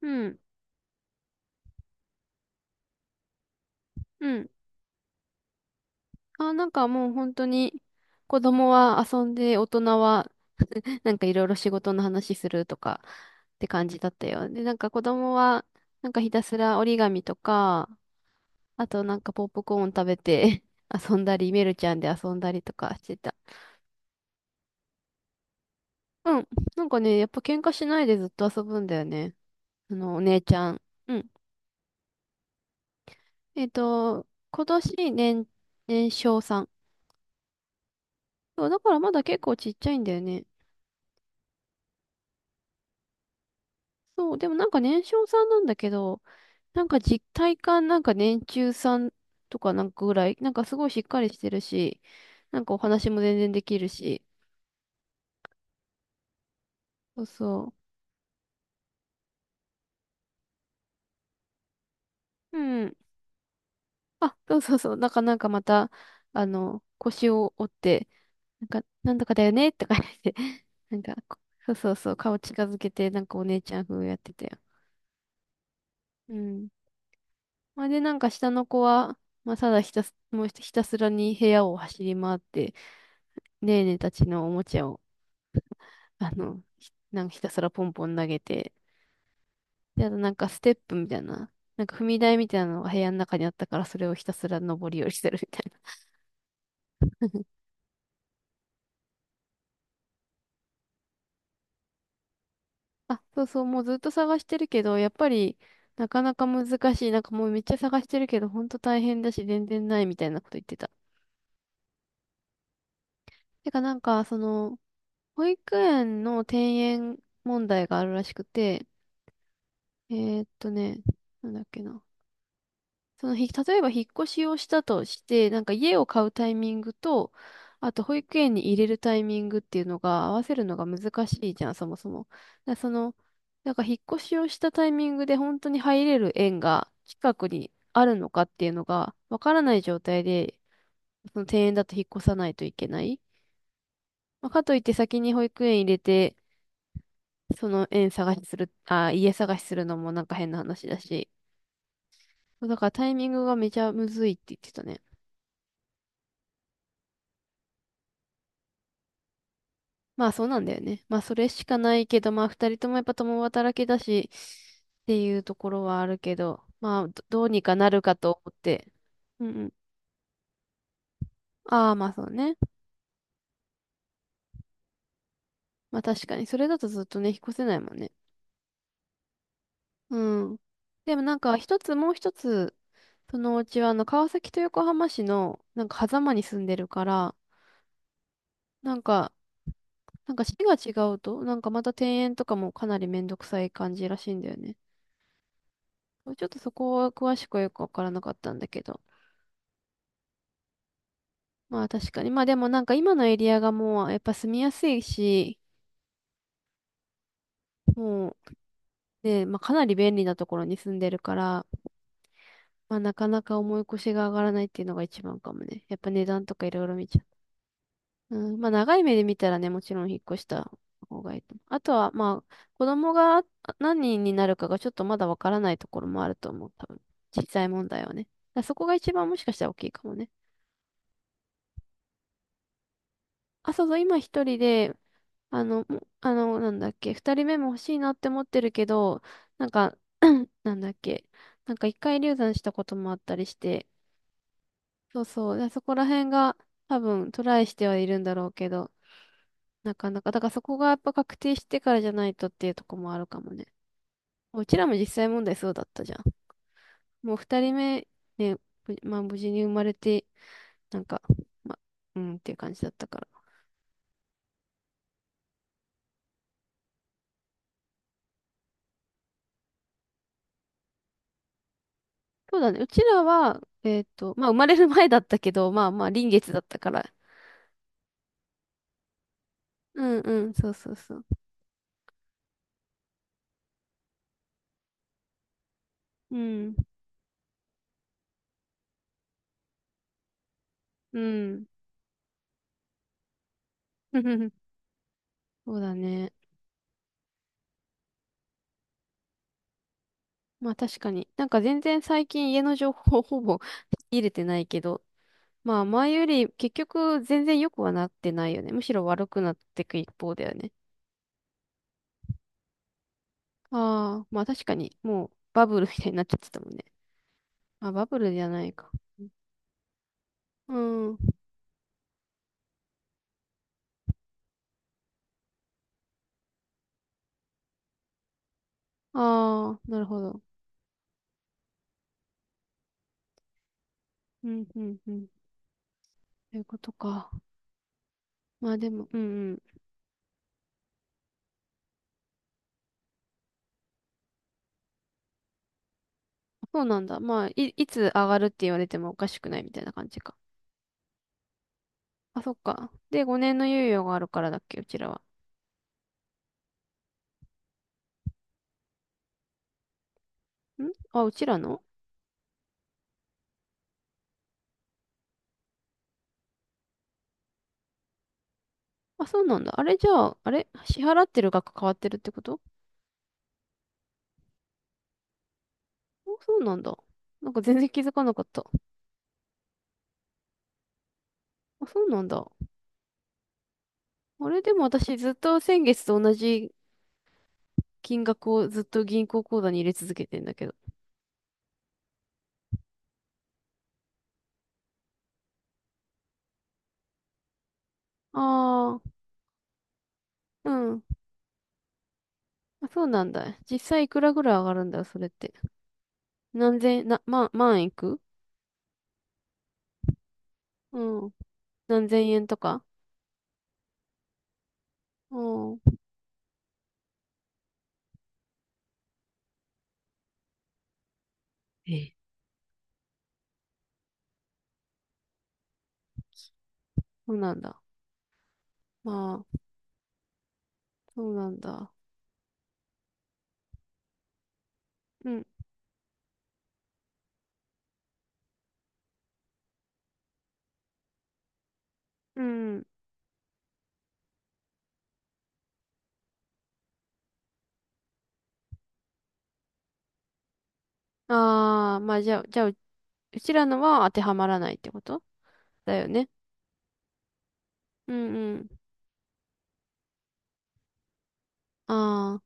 うん。うん。あ、なんかもう本当に、子供は遊んで、大人は、なんかいろいろ仕事の話するとか、って感じだったよ。で、なんか子供は、なんかひたすら折り紙とか、あとなんかポップコーン食べて 遊んだり、メルちゃんで遊んだりとかしてた。うん。なんかね、やっぱ喧嘩しないでずっと遊ぶんだよね。あの、お姉ちゃん。うん。今年年少さん。そうだからまだ結構ちっちゃいんだよね。そう、でもなんか年少さんなんだけど、なんか実体感なんか年中さんとかなんかぐらい、なんかすごいしっかりしてるし、なんかお話も全然できるし、そうそう。うん。あ、そうそうそう。なんかまた、あの、腰を折って、なんか、なんとかだよねとか言って、なんか、そうそうそう、顔近づけて、なんかお姉ちゃん風やってたよ。うん。まあ、で、なんか下の子は、まあ、ただひたす、もうひたすらに部屋を走り回って、ねえねえたちのおもちゃをあの、なんかひたすらポンポン投げて、で、あとなんかステップみたいな、なんか踏み台みたいなのが部屋の中にあったから、それをひたすら上り下りしてるみたいな。あ、そうそう、もうずっと探してるけど、やっぱりなかなか難しい。なんかもうめっちゃ探してるけど、ほんと大変だし、全然ないみたいなこと言ってた。てかなんか、その、保育園の転園問題があるらしくて、えーっとね、なんだっけな。その、例えば引っ越しをしたとして、なんか家を買うタイミングと、あと保育園に入れるタイミングっていうのが合わせるのが難しいじゃん、そもそも。だその、なんか引っ越しをしたタイミングで本当に入れる園が近くにあるのかっていうのがわからない状態で、その庭園だと引っ越さないといけない。まあ、かといって先に保育園入れて、その園探しする、あ、家探しするのもなんか変な話だし。だからタイミングがめちゃむずいって言ってたね。まあそうなんだよね。まあそれしかないけど、まあ二人ともやっぱ共働きだしっていうところはあるけど、まあどうにかなるかと思って。うんうん。ああまあそうね。まあ確かにそれだとずっとね、引っ越せないもんね。うん。でもなんかもう一つ、そのうちはあの川崎と横浜市のなんか狭間に住んでるから、なんか、市が違うと、なんかまた転園とかもかなりめんどくさい感じらしいんだよね。ちょっとそこは詳しくはよくわからなかったんだけど。まあ確かに。まあでもなんか今のエリアがもうやっぱ住みやすいし、もうね、まあかなり便利なところに住んでるから、まあなかなか重い腰が上がらないっていうのが一番かもね。やっぱ値段とかいろいろ見ちゃう。うん、まあ長い目で見たらね、もちろん引っ越した方がいいと思う。あとはまあ子供が何人になるかがちょっとまだわからないところもあると思う。多分。小さい問題はね。だからそこが一番もしかしたら大きいかもね。あ、そうそう、今一人であの、なんだっけ、二人目も欲しいなって思ってるけど、なんか、なんだっけ、なんか一回流産したこともあったりして、そうそう、でそこら辺が多分トライしてはいるんだろうけど、なかなか、だからそこがやっぱ確定してからじゃないとっていうとこもあるかもね。うちらも実際問題そうだったじゃん。もう二人目、ね、まあ無事に生まれて、なんか、まあ、うんっていう感じだったから。そうだね。うちらは、まあ生まれる前だったけど、まあまあ臨月だったから、うんうん、そうそうそう。うん、うん。そうだね。まあ確かに。なんか全然最近家の情報ほぼ入れてないけど、まあ前より結局全然良くはなってないよね。むしろ悪くなっていく一方だよね。ああ、まあ確かに、もうバブルみたいになっちゃってたもんね。あ、バブルじゃないか。うん。ああ、なるほど。うん、うん、うん。ということか。まあでも、うん、うん。そうなんだ。まあ、いつ上がるって言われてもおかしくないみたいな感じか。あ、そっか。で、5年の猶予があるからだっけ、うちらは。うちらの。あ、そうなんだ。あれじゃあ、あれ支払ってる額変わってるってこと？あ、そうなんだ。なんか全然気づかなかった。あ、そうなんだ。あれでも私ずっと先月と同じ金額をずっと銀行口座に入れ続けてんだけど。ああ、うん。あ、そうなんだ。実際いくらぐらい上がるんだよ、それって。何千、万いく。うん。何千円とか。うん。ええ。そうなんだ。まあ、そうなんだ。うんうん。ああ、まあじゃあ、うちらのは当てはまらないってことだよね。うんうん。ああ、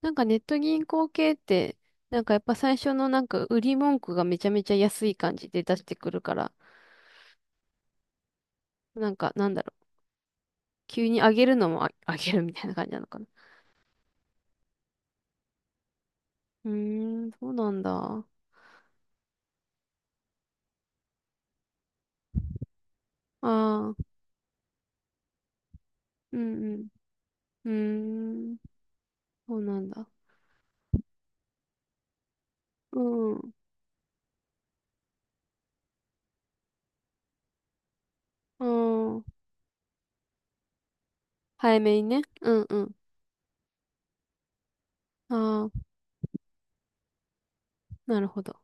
なんかネット銀行系って、なんかやっぱ最初のなんか売り文句がめちゃめちゃ安い感じで出してくるから、なんかなんだろう、急に上げるのもあ、上げるみたいな感じなのかな。うーん、そうなんだ。ああ、うんうん。うーん、そうなんだ。うん、うん。早めにね。うんうん。ああ、なるほど。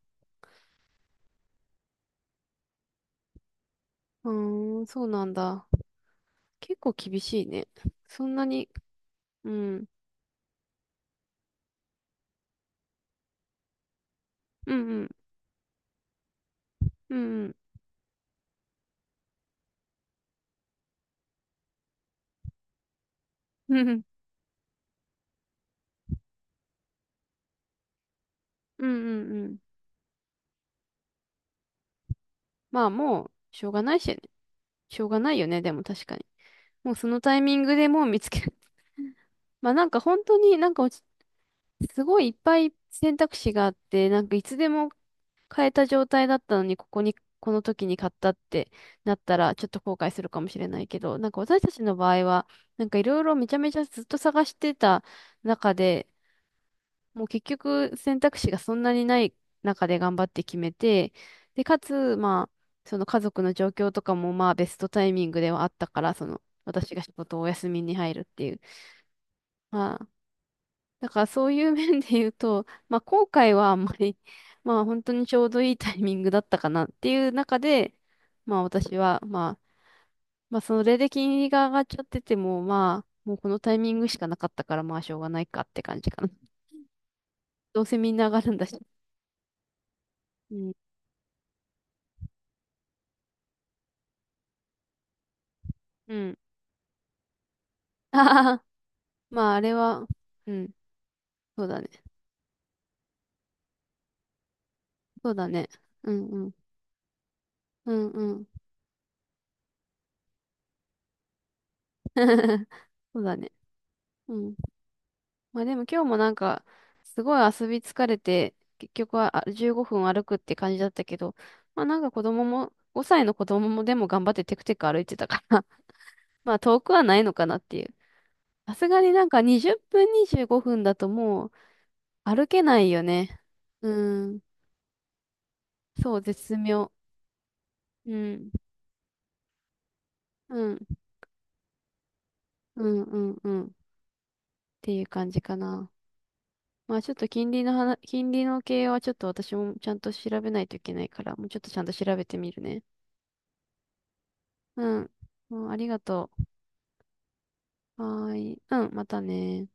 うーん、そうなんだ。結構厳しいね。そんなに、うん、うん、うん、うん、うん、うん、うん、うんうん。まあもう、しょうがないしね。しょうがないよね、でも確かに。もうそのタイミングでもう見つける。まあなんか本当になんかすごいいっぱい選択肢があって、なんかいつでも変えた状態だったのに、この時に買ったってなったら、ちょっと後悔するかもしれないけど、なんか私たちの場合は、なんかいろいろめちゃめちゃずっと探してた中で、もう結局選択肢がそんなにない中で頑張って決めて、で、かつ、まあ、その家族の状況とかもまあベストタイミングではあったから、その私が仕事をお休みに入るっていう。まあ、だからそういう面で言うと、まあ後悔はあんまり、まあ本当にちょうどいいタイミングだったかなっていう中で、まあ私は、まあ、まあそれで金利が上がっちゃってても、まあ、もうこのタイミングしかなかったから、まあしょうがないかって感じかな。どうせみんな上がるんだし。うん。うん。 ああ、まああれは、うん、そうだね。そうだね。うんうん。うんうん。そうだね。うん。まあでも今日もなんか、すごい遊び疲れて、結局は15分歩くって感じだったけど、まあなんか子供も、5歳の子供もでも頑張ってテクテク歩いてたから まあ遠くはないのかなっていう。さすがになんか20分25分だともう歩けないよね。うん。そう、絶妙。うん。うん。うんうんうん。ていう感じかな。まあちょっと金利の系はちょっと私もちゃんと調べないといけないから、もうちょっとちゃんと調べてみるね。うん。うん、ありがとう。はーい。うん、またね。